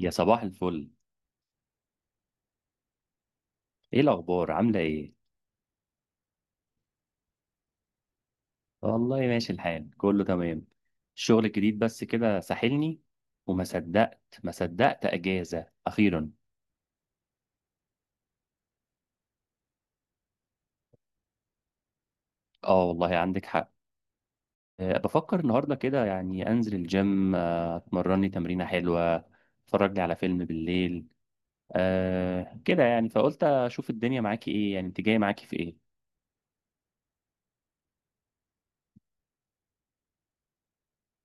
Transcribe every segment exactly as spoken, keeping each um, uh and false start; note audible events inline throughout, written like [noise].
يا صباح الفل، ايه الاخبار؟ عامله ايه؟ والله ماشي الحال، كله تمام. الشغل الجديد بس كده ساحلني. وما صدقت ما صدقت اجازه اخيرا. اه، والله عندك حق. أه بفكر النهارده كده، يعني انزل الجيم، آه، اتمرن لي تمرينه حلوه. اتفرج لي على فيلم بالليل. أه كده يعني، فقلت اشوف الدنيا معاكي ايه، يعني انت جايه معاكي في ايه؟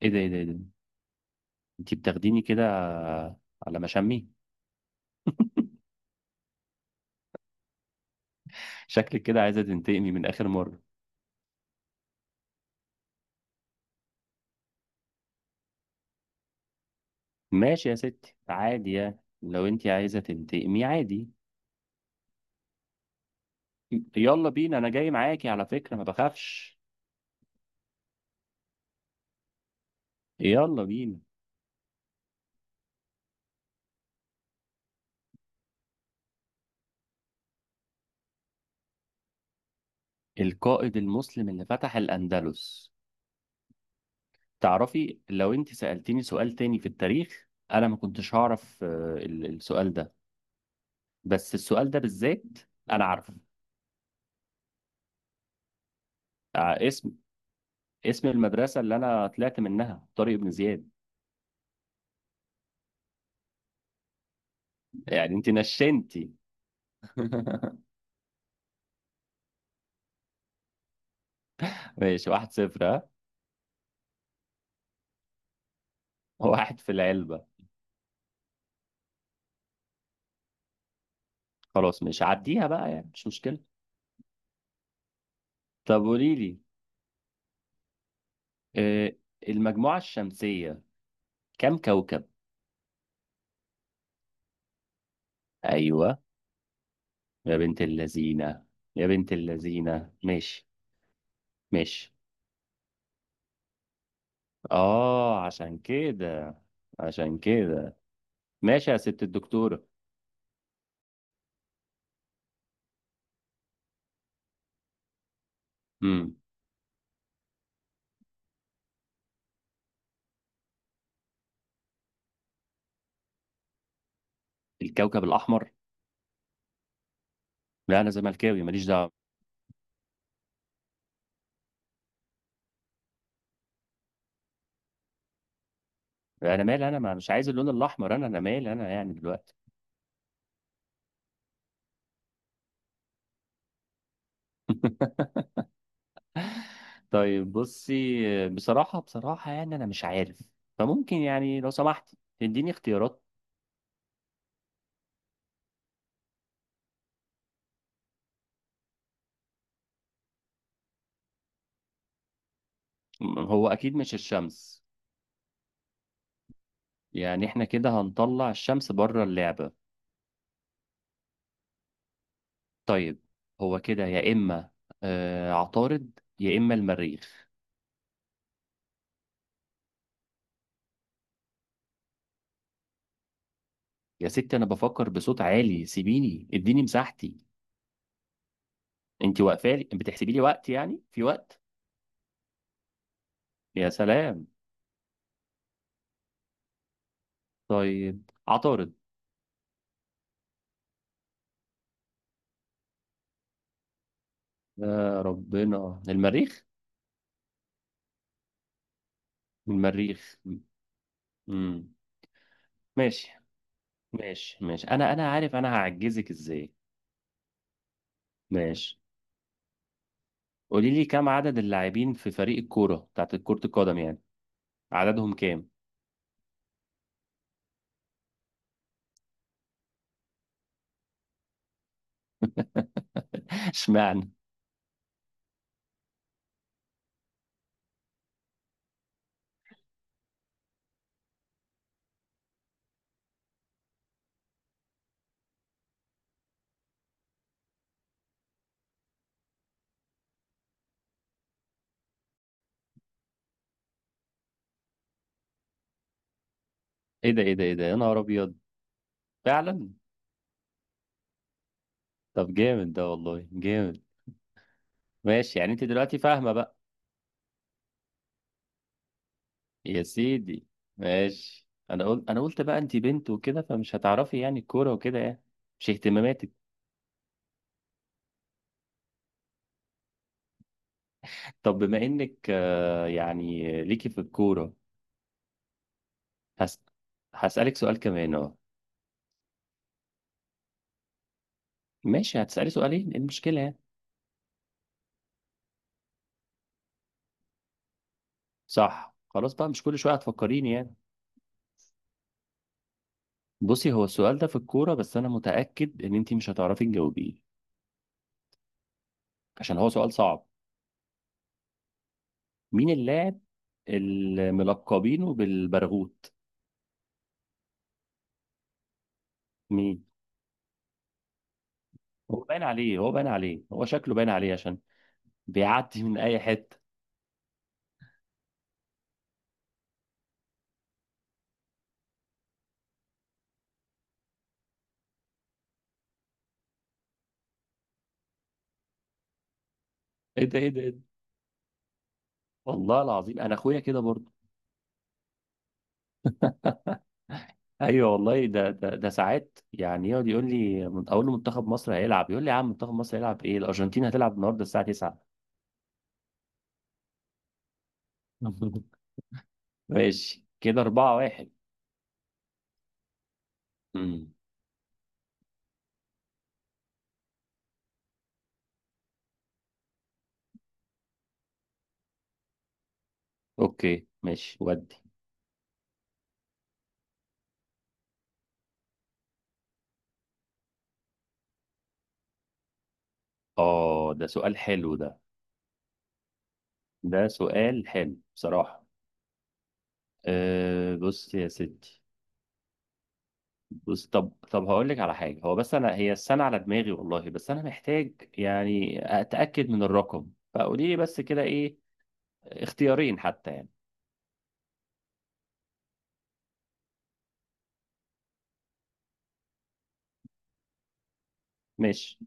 ايه ده، ايه ده، إيه ده؟ انت بتاخديني كده على مشامي. [laughs] شكلك كده عايزه تنتقمي من اخر مره. ماشي يا ستي، عادي يعني، لو انت عايزة تنتقمي عادي. يلا بينا، انا جاي معاكي على فكرة، ما بخافش. يلا بينا. القائد المسلم اللي فتح الأندلس. تعرفي، لو انت سألتيني سؤال تاني في التاريخ انا ما كنتش هعرف، آه، ال- السؤال ده، بس السؤال ده بالذات انا عارفه. آه، اسم اسم المدرسة اللي انا طلعت منها طارق بن زياد. يعني انت نشنتي. [laughs] ماشي، واحد صفر، ها. واحد في العلبة. خلاص، مش عديها بقى، يعني مش مشكلة. طب قولي لي، آه، المجموعة الشمسية كم كوكب؟ أيوة، يا بنت اللذينة، يا بنت اللذينة، ماشي. ماشي، آه، عشان كده عشان كده ماشي يا ست الدكتورة. امم الكوكب الأحمر. لا، أنا زملكاوي ماليش دعوة. أنا مالي أنا، ما- مش عايز اللون الأحمر، أنا أنا مالي أنا يعني دلوقتي. [laughs] طيب بصي، آه، بصراحة بصراحة يعني أنا مش عارف. فممكن يعني، لو سمحت تديني اختيارات. م- هو أكيد مش الشمس. يعني احنا كده هنطلع الشمس بره اللعبة. طيب، هو كده، يا إما آه عطارد يا إما المريخ. يا ستي، أنا بفكر بصوت عالي، سيبيني اديني مساحتي. انت واقفالي بتحسبي لي وقت؟ يعني في وقت؟ يا سلام. طيب، عطارد. يا ربنا، المريخ. المريخ. امم ماشي، ماشي، ماشي، أنا أنا عارف أنا هعجزك إزاي. ماشي. قولي لي، كم عدد اللاعبين في فريق الكورة بتاعت كرة القدم يعني؟ عددهم كام؟ [laughs] اشمعنى؟ ايه ده، ايه ده، ايه ده، يا نهار ابيض! فعلا. طب جامد ده، والله جامد. ماشي، يعني انت دلوقتي فاهمه بقى. يا سيدي. ماشي، انا قلت انا قلت بقى انت بنت وكده، فمش هتعرفي يعني الكوره وكده يعني. مش اهتماماتك. طب بما انك، آه، يعني ليكي في الكوره. هس... هسألك سؤال كمان، اه. ماشي، هتسألي سؤالين، إيه المشكله يعني؟ صح، خلاص بقى، مش كل شويه هتفكريني يعني. بصي، هو السؤال ده في الكوره، بس انا متأكد ان انت مش هتعرفي تجاوبيه، عشان هو سؤال صعب. مين اللاعب الملقبينه بالبرغوت؟ مين؟ هو باين عليه، هو باين عليه، هو شكله باين عليه عشان بيعدي من اي حته. ايه ده، ايه ده، إيه ده؟ والله العظيم، انا اخويا كده برضه. [laughs] ايوه والله، ده ده ده ساعات يعني يقعد يقول لي، من- اقول له منتخب مصر هيلعب يقول لي يا عم، منتخب مصر هيلعب ايه! الارجنتين هتلعب النهارده الساعه تسعة. [laughs] ماشي، كده اربعة واحد. امم اوكي، ماشي ودي. اه، ده سؤال حلو ده، ده سؤال حلو بصراحه. أه بص يا ستي، بص، طب طب هقول لك على حاجه، هو بس انا هي السنه على دماغي والله، بس انا محتاج يعني اتاكد من الرقم، فقولي لي بس كده ايه، اختيارين حتى يعني. ماشي.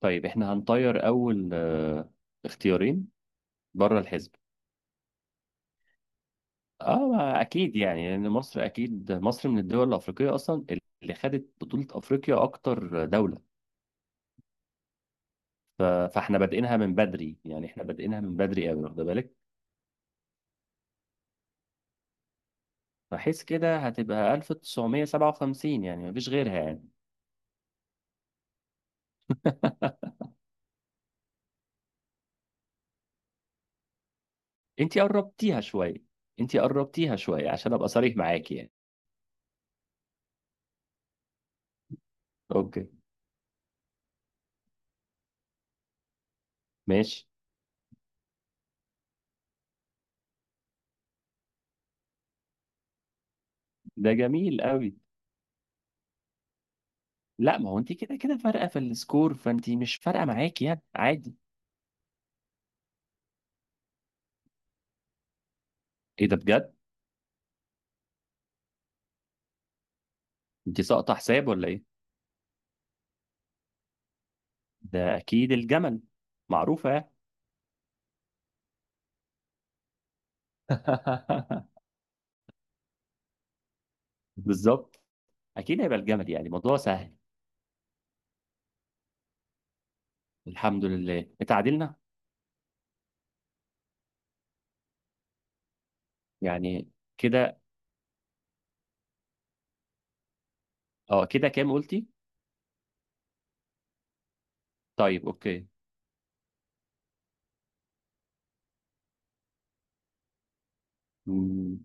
طيب احنا هنطير اول آه، اختيارين بره الحزب. اه، ما اكيد يعني، لان مصر، اكيد مصر من الدول الافريقيه اصلا، اللي خدت بطوله افريقيا اكتر دوله. ف- فاحنا بادئينها من بدري، يعني احنا بادئينها من بدري قوي، واخده بالك، بحيث كده هتبقى ألف وتسعمية وسبعة وخمسين، يعني مفيش غيرها يعني. [laughs] انتي قربتيها شوية، انتي قربتيها شوية عشان ابقى صريح معاكي يعني. اوكي. ماشي. ده جميل قوي. لا، ما هو انتي كده كده فارقة في السكور، فانتي مش فارقة معاكي يعني، عادي. ايه ده بجد؟ انتي ساقطة حساب ولا ايه؟ ده اكيد الجمل، معروفة يعني. [laughs] بالظبط. اكيد هيبقى الجمل، يعني موضوع سهل. الحمد لله، اتعادلنا. يعني كده. اه، كده كام قلتي؟ طيب. اوكي.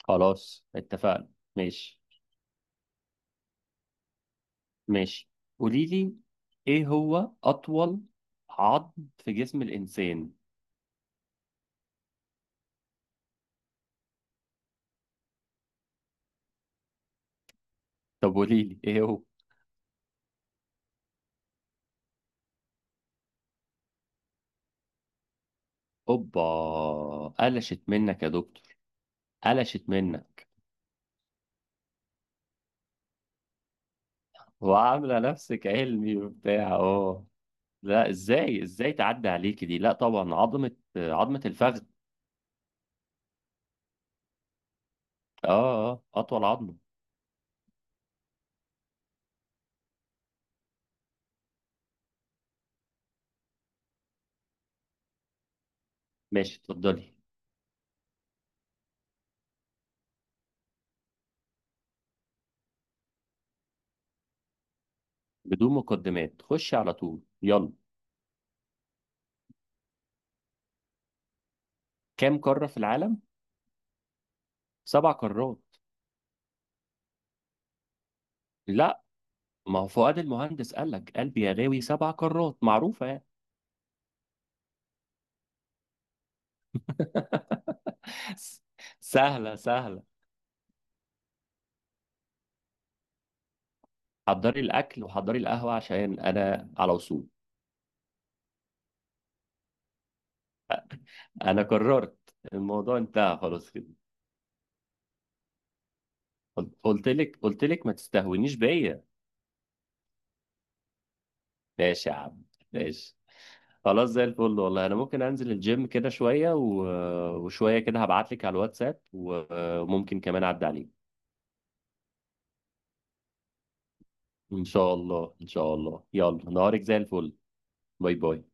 خلاص اتفقنا. ماشي. ماشي. قولي لي، ايه هو اطول عظم في جسم الانسان؟ طب قولي لي ايه هو. اوبا! قلشت منك يا دكتور، قلشت منك. وعامله نفسك علمي وبتاع، اه. لا، ازاي، ازاي تعدي عليك دي؟ لا طبعا، عظمه، عظمه الفخذ. اه، اه، اطول عظمه. ماشي، اتفضلي. بدون مقدمات، خشي على طول، يلا. كام قاره في العالم؟ سبع قارات. لا، ما هو فؤاد المهندس قال لك قلبي يا غاوي سبع كرات، معروفة يعني. س- سهلة، سهلة. حضري الأكل وحضري القهوة عشان أنا على وصول. أنا قررت. الموضوع انتهى خلاص كده. قلت قلت لك، قلت لك، ما تستهونيش بيا. ماشي يا عم. ماشي. خلاص، زي الفل، والله أنا ممكن أنزل الجيم كده شوية، و... وشوية كده هبعت لك على الواتساب، و- وممكن كمان أعدي عليك. إن شاء الله، إن شاء الله، يلا نهارك زي الفل. باي باي.